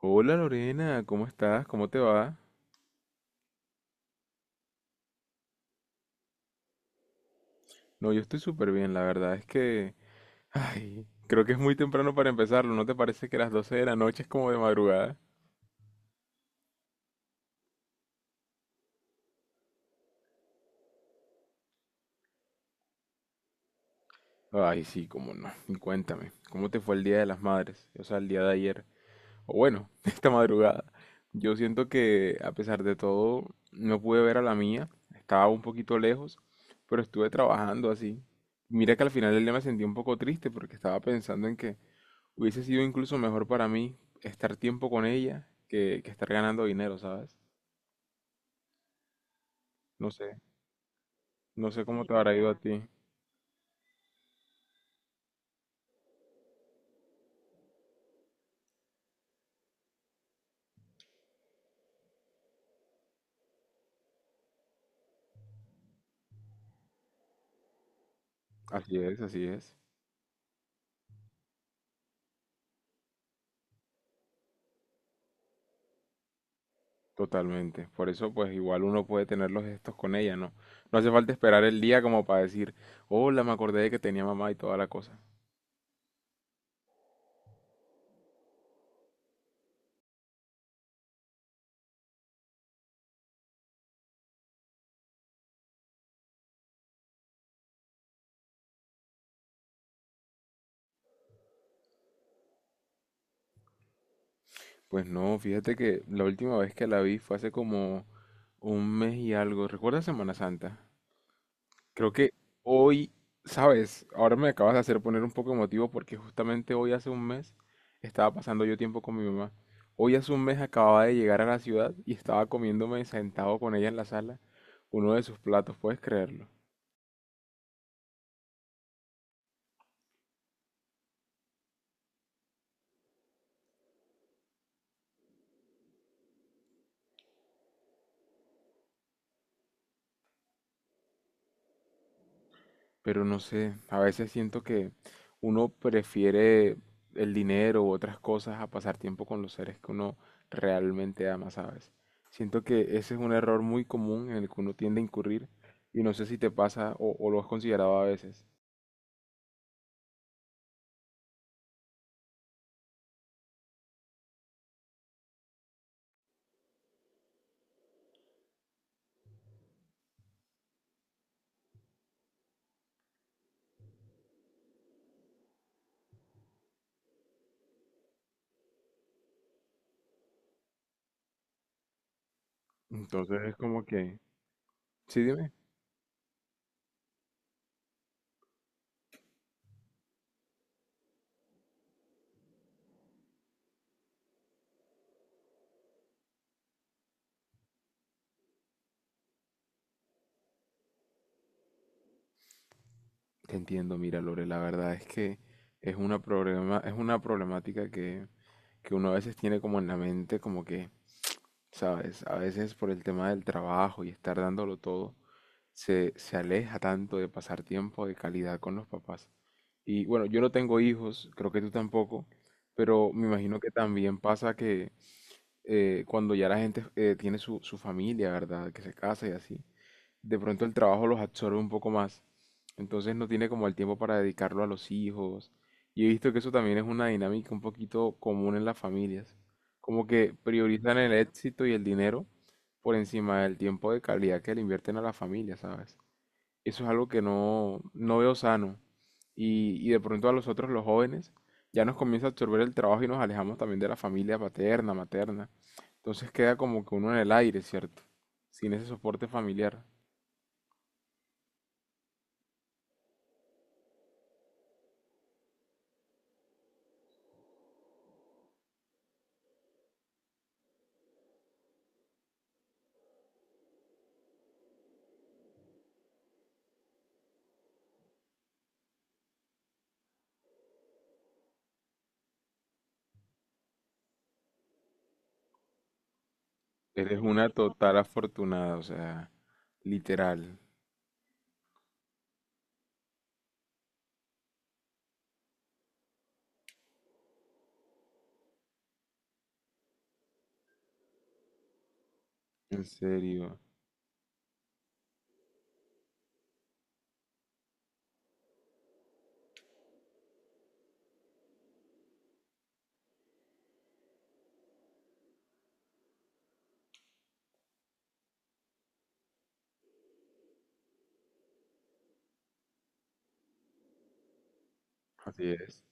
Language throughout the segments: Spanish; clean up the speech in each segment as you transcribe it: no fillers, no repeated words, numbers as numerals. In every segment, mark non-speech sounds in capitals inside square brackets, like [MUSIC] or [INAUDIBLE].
Hola Lorena, ¿cómo estás? ¿Cómo te va? No, yo estoy súper bien, la verdad es que... Ay, creo que es muy temprano para empezarlo, ¿no te parece que las 12 de la noche es como de madrugada? Ay, sí, cómo no. Y cuéntame, ¿cómo te fue el Día de las Madres? O sea, el día de ayer. O bueno, [LAUGHS] esta madrugada. Yo siento que, a pesar de todo, no pude ver a la mía, estaba un poquito lejos, pero estuve trabajando así. Mira que al final del día me sentí un poco triste porque estaba pensando en que... Hubiese sido incluso mejor para mí estar tiempo con ella que estar ganando dinero, ¿sabes? No sé, no sé cómo Sí, te habrá ido a ti. Así es, totalmente. Por eso, pues igual uno puede tener los gestos con ella, ¿no? No hace falta esperar el día como para decir, hola, me acordé de que tenía mamá y toda la cosa. Pues no, fíjate que la última vez que la vi fue hace como un mes y algo. ¿Recuerdas Semana Santa? Creo que hoy, sabes, ahora me acabas de hacer poner un poco emotivo porque justamente hoy hace un mes estaba pasando yo tiempo con mi mamá. Hoy hace un mes acababa de llegar a la ciudad y estaba comiéndome sentado con ella en la sala uno de sus platos, ¿puedes creerlo? Pero no sé, a veces siento que uno prefiere el dinero u otras cosas a pasar tiempo con los seres que uno realmente ama, ¿sabes? Siento que ese es un error muy común en el que uno tiende a incurrir y no sé si te pasa o lo has considerado a veces. Entonces es como que, sí, dime. Te entiendo, mira, Lore, la verdad es que es una problema, es una problemática que uno a veces tiene como en la mente, como que, ¿sabes? A veces por el tema del trabajo y estar dándolo todo se aleja tanto de pasar tiempo de calidad con los papás. Y bueno, yo no tengo hijos, creo que tú tampoco, pero me imagino que también pasa que cuando ya la gente tiene su familia, ¿verdad? Que se casa y así, de pronto el trabajo los absorbe un poco más. Entonces no tiene como el tiempo para dedicarlo a los hijos. Y he visto que eso también es una dinámica un poquito común en las familias. Como que priorizan el éxito y el dinero por encima del tiempo de calidad que le invierten a la familia, ¿sabes? Eso es algo que no veo sano. Y de pronto a nosotros los jóvenes ya nos comienza a absorber el trabajo y nos alejamos también de la familia paterna, materna. Entonces queda como que uno en el aire, ¿cierto? Sin ese soporte familiar. Eres una total afortunada, o sea, literal. En serio, así es.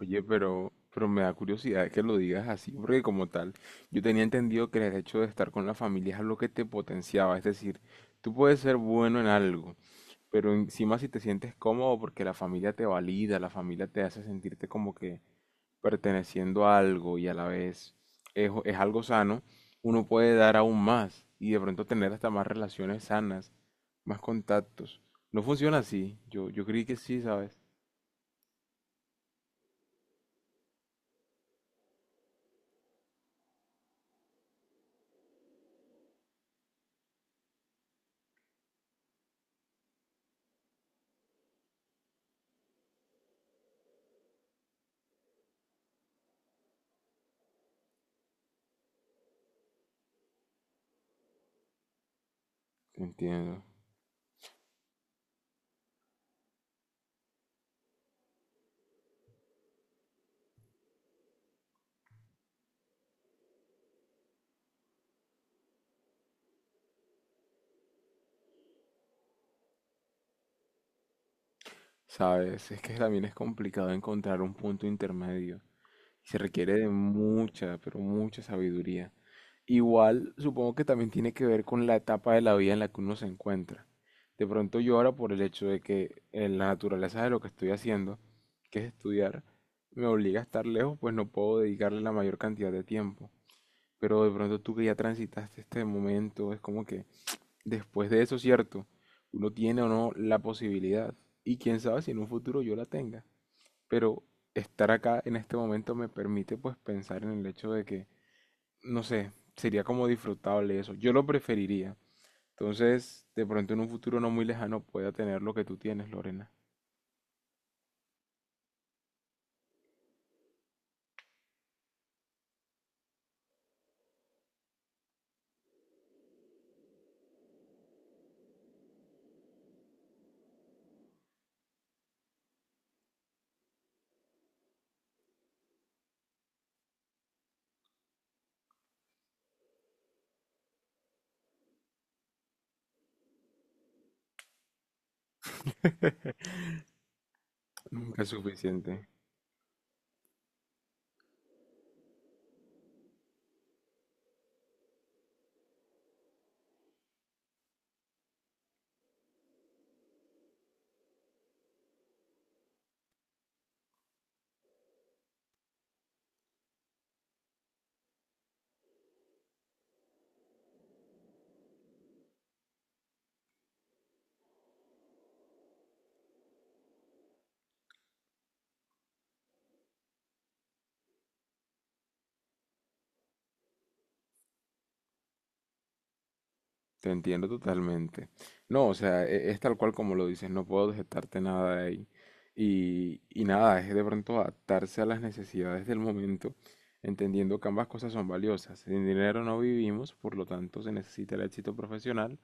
Oye, pero me da curiosidad que lo digas así, porque como tal, yo tenía entendido que el hecho de estar con la familia es algo que te potenciaba, es decir, tú puedes ser bueno en algo, pero encima si te sientes cómodo porque la familia te valida, la familia te hace sentirte como que perteneciendo a algo y a la vez es algo sano, uno puede dar aún más y de pronto tener hasta más relaciones sanas, más contactos. No funciona así, yo creí que sí, ¿sabes? Te entiendo. Sabes, es que también es complicado encontrar un punto intermedio. Se requiere de mucha, pero mucha sabiduría. Igual, supongo que también tiene que ver con la etapa de la vida en la que uno se encuentra. De pronto yo ahora por el hecho de que en la naturaleza de lo que estoy haciendo, que es estudiar, me obliga a estar lejos, pues no puedo dedicarle la mayor cantidad de tiempo. Pero de pronto tú que ya transitaste este momento, es como que después de eso, cierto, uno tiene o no la posibilidad. Y quién sabe si en un futuro yo la tenga pero estar acá en este momento me permite pues pensar en el hecho de que, no sé, sería como disfrutable eso. Yo lo preferiría. Entonces, de pronto en un futuro no muy lejano pueda tener lo que tú tienes, Lorena. Nunca es suficiente. Te entiendo totalmente. No, o sea, e- es, tal cual como lo dices, no puedo objetarte nada de ahí. Y nada, es de pronto adaptarse a las necesidades del momento, entendiendo que ambas cosas son valiosas. Sin dinero no vivimos, por lo tanto se necesita el éxito profesional,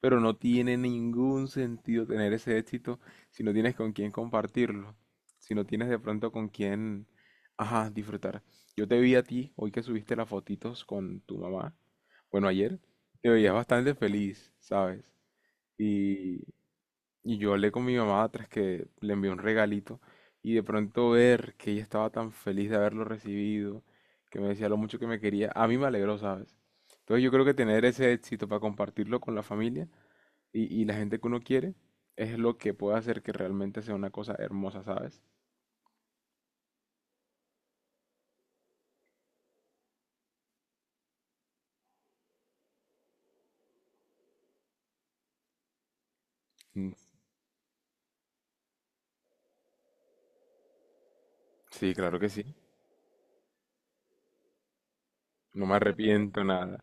pero no tiene ningún sentido tener ese éxito si no tienes con quién compartirlo, si no tienes de pronto con quién, ajá, disfrutar. Yo te vi a ti hoy que subiste las fotitos con tu mamá, bueno, ayer te veías bastante feliz, ¿sabes? Y, y yo hablé con mi mamá tras que le envié un regalito y de pronto ver que ella estaba tan feliz de haberlo recibido, que me decía lo mucho que me quería, a mí me alegró, ¿sabes? Entonces yo creo que tener ese éxito para compartirlo con la familia y la gente que uno quiere es lo que puede hacer que realmente sea una cosa hermosa, ¿sabes? Mm. Sí, claro que sí. No me arrepiento nada.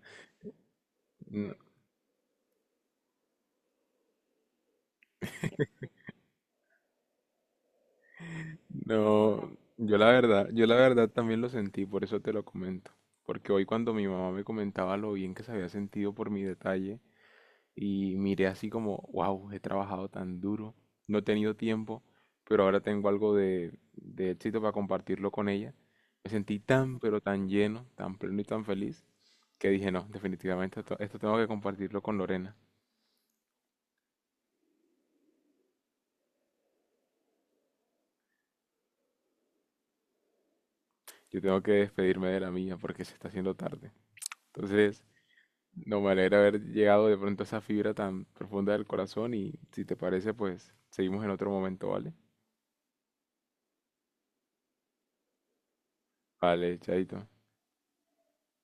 No, yo la verdad también lo sentí, por eso te lo comento. Porque hoy cuando mi mamá me comentaba lo bien que se había sentido por mi detalle y miré así como, wow, he trabajado tan duro, no he tenido tiempo, pero ahora tengo algo de éxito para compartirlo con ella. Me sentí tan, pero tan lleno, tan pleno y tan feliz que dije, no, definitivamente esto, esto tengo que compartirlo con Lorena. Yo tengo que despedirme de la mía porque se está haciendo tarde. Entonces, no me alegra haber llegado de pronto a esa fibra tan profunda del corazón y si te parece, pues seguimos en otro momento, ¿vale? Vale, chaito.